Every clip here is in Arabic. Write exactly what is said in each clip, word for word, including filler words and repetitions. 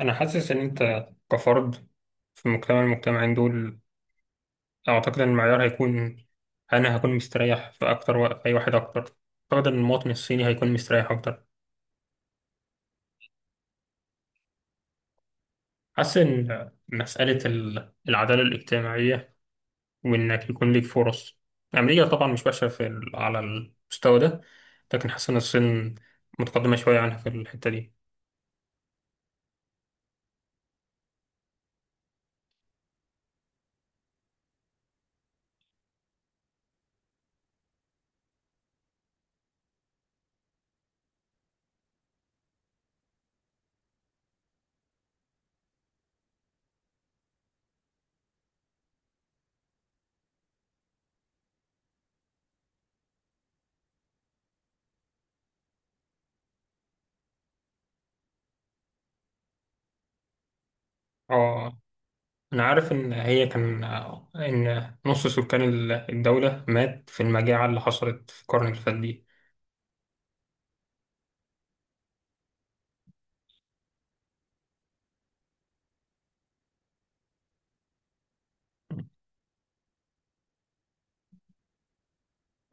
أنا حاسس إن أنت كفرد في مجتمع المجتمعين دول. أعتقد إن المعيار هيكون أنا هكون مستريح في أكتر وقت أي واحد أكتر. أعتقد إن المواطن الصيني هيكون مستريح أكتر. حاسس إن مسألة ال- العدالة الاجتماعية، وإنك يكون ليك فرص. أمريكا طبعا مش وحشة في ال- على المستوى ده، لكن حاسس إن الصين متقدمة شوية عنها في الحتة دي. آه، أنا عارف إن هي كان إن نص سكان ال- الدولة مات في المجاعة اللي حصلت في القرن اللي فات دي.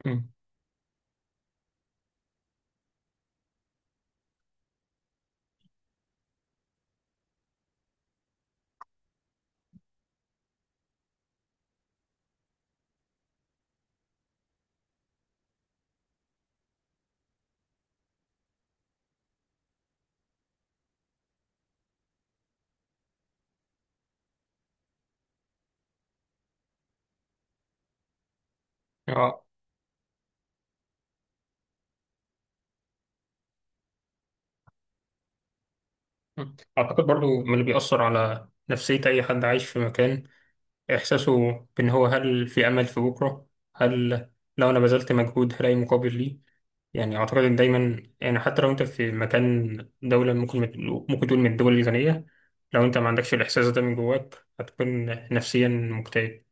مم. آه. مم. أعتقد برضو من اللي بيأثر على نفسية أي حد عايش في مكان إحساسه، بإن هو، هل في أمل في بكرة؟ هل لو أنا بذلت مجهود هلاقي مقابل ليه؟ يعني أعتقد إن دايما، يعني حتى لو أنت في مكان دولة ممكن ممكن تقول من الدول الغنية، لو أنت ما عندكش الإحساس ده من جواك هتكون نفسيا مكتئب.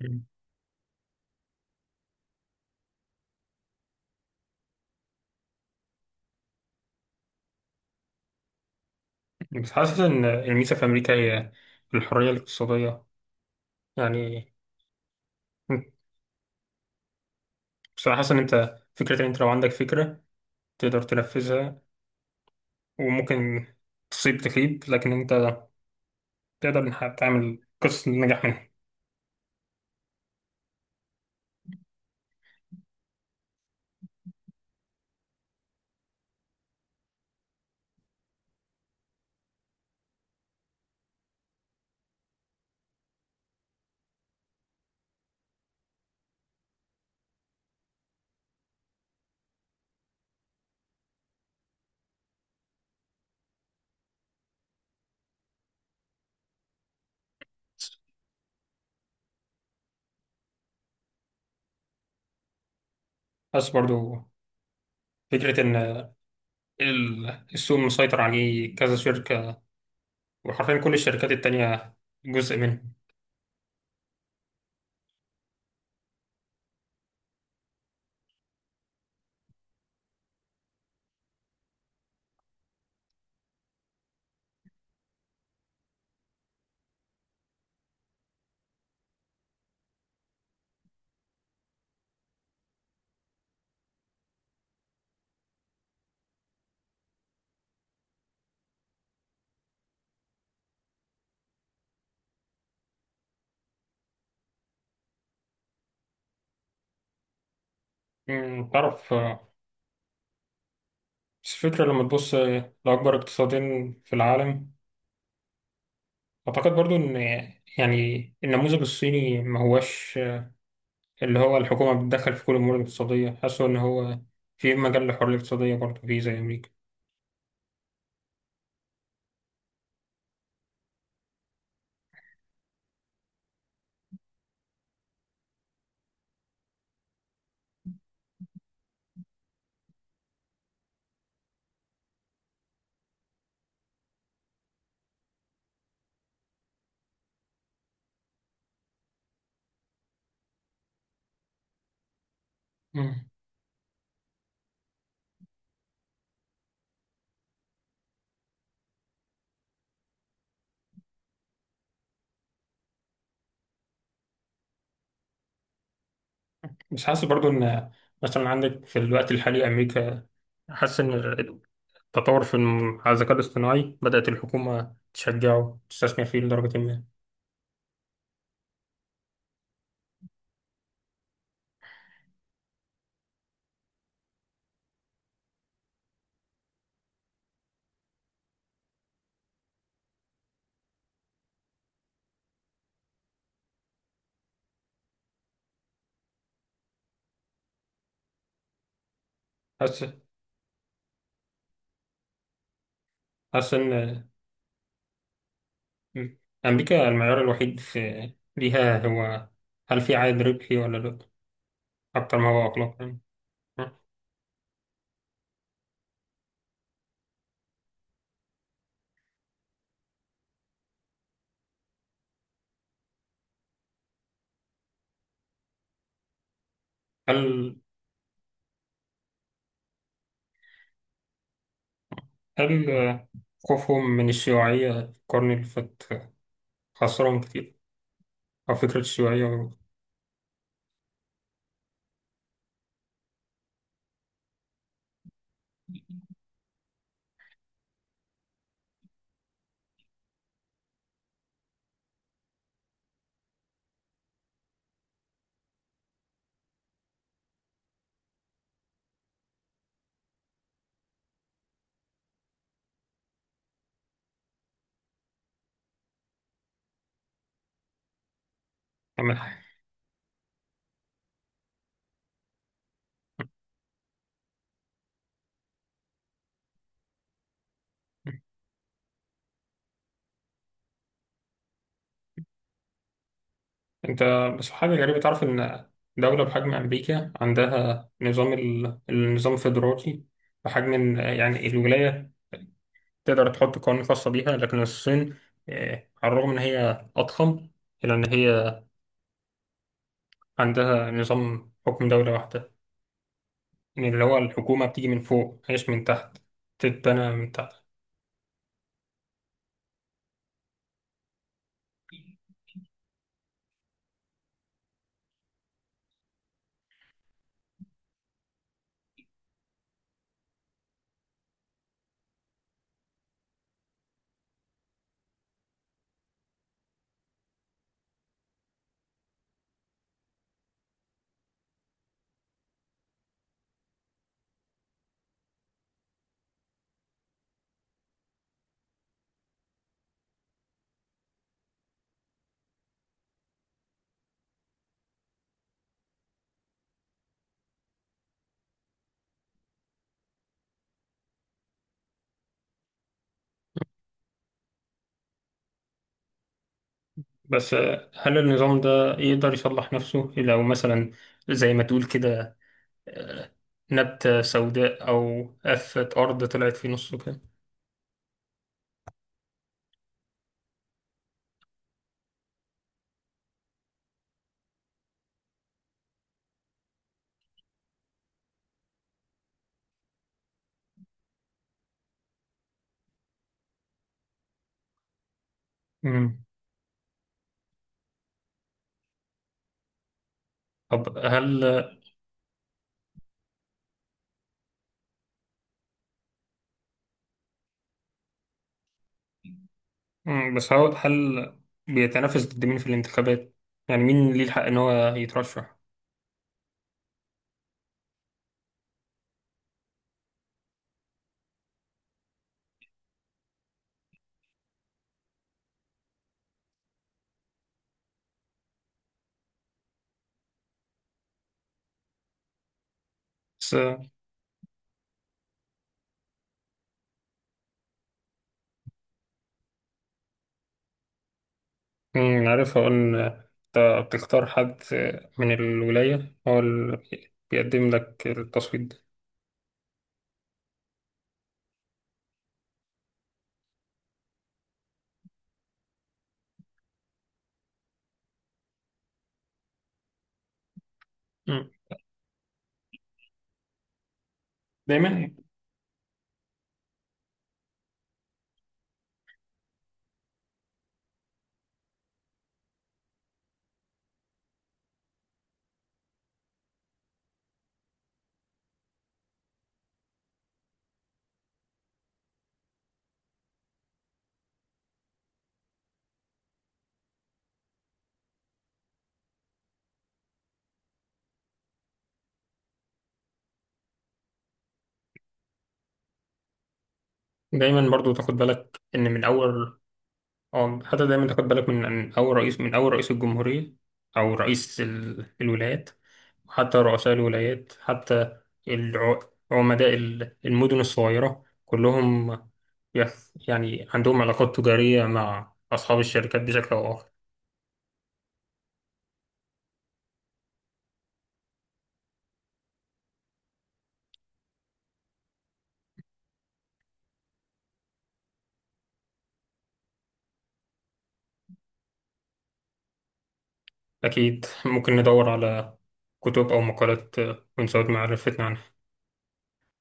مم. بس حاسس إن الميزة في أمريكا هي الحرية الاقتصادية، يعني بصراحة حاسس إن أنت، فكرة إن أنت لو عندك فكرة تقدر تنفذها، وممكن تصيب تخيب، لكن انت تقدر إنك تعمل قصة نجاح منها. بس برضو فكرة إن ال- السوق مسيطر عليه كذا شركة، وحرفيا كل الشركات التانية جزء منه. أمم، تعرف، آه، بس الفكرة لما تبص لأكبر اقتصادين في العالم، أعتقد برضو إن يعني النموذج الصيني ما هواش، آه، اللي هو الحكومة بتتدخل في كل الأمور الاقتصادية. حاسه إن هو في مجال للحرية الاقتصادية برضو فيه زي أمريكا. بس حاسس برضو ان مثلا عندك في الوقت الحالي امريكا، حاسس ان التطور في الم- على الذكاء الاصطناعي بدأت الحكومة تشجعه تستثمر فيه لدرجة ما. حاسس حاسس ان امريكا المعيار الوحيد، في ليها هو هل في عائد ربحي ولا لا، اكتر ما هو اخلاق يعني. هل هل خوفهم من الشيوعية في القرن اللي فات خسرهم كتير، او فكرة الشيوعية؟ عمل حاجة. انت، بس حاجة غريبة، تعرف ان دولة بحجم امريكا عندها نظام ال... النظام الفيدرالي، بحجم ان يعني الولاية تقدر تحط قوانين خاصة بيها. لكن الصين، آه، على الرغم ان هي اضخم، الا ان هي عندها نظام حكم دولة واحدة. يعني اللي هو الحكومة بتيجي من فوق مش من تحت، تتبنى من تحت. بس آه، هل النظام ده يقدر يصلح نفسه، لو مثلا زي ما تقول كده، نبتة سوداء أو قفة أرض طلعت في نصه كده؟ مم. طب هل. مم، بس هو هل بيتنافس ضد مين في الانتخابات؟ يعني مين ليه الحق إن هو يترشح؟ بس. مم، عارف هو إن أنت بتختار حد من الولاية هو اللي بي- بيقدم لك التصويت ده. مم. دايما دايما برضو تاخد بالك إن من أول، أو حتى دايما تاخد بالك من من أول رئيس من أول رئيس الجمهورية، أو رئيس ال- الولايات، حتى رؤساء الولايات، حتى الع- عمداء ال- المدن الصغيرة كلهم، يخ- يعني عندهم علاقات تجارية مع أصحاب الشركات بشكل أو آخر. أكيد ممكن ندور على كتب أو مقالات من زود معرفتنا عن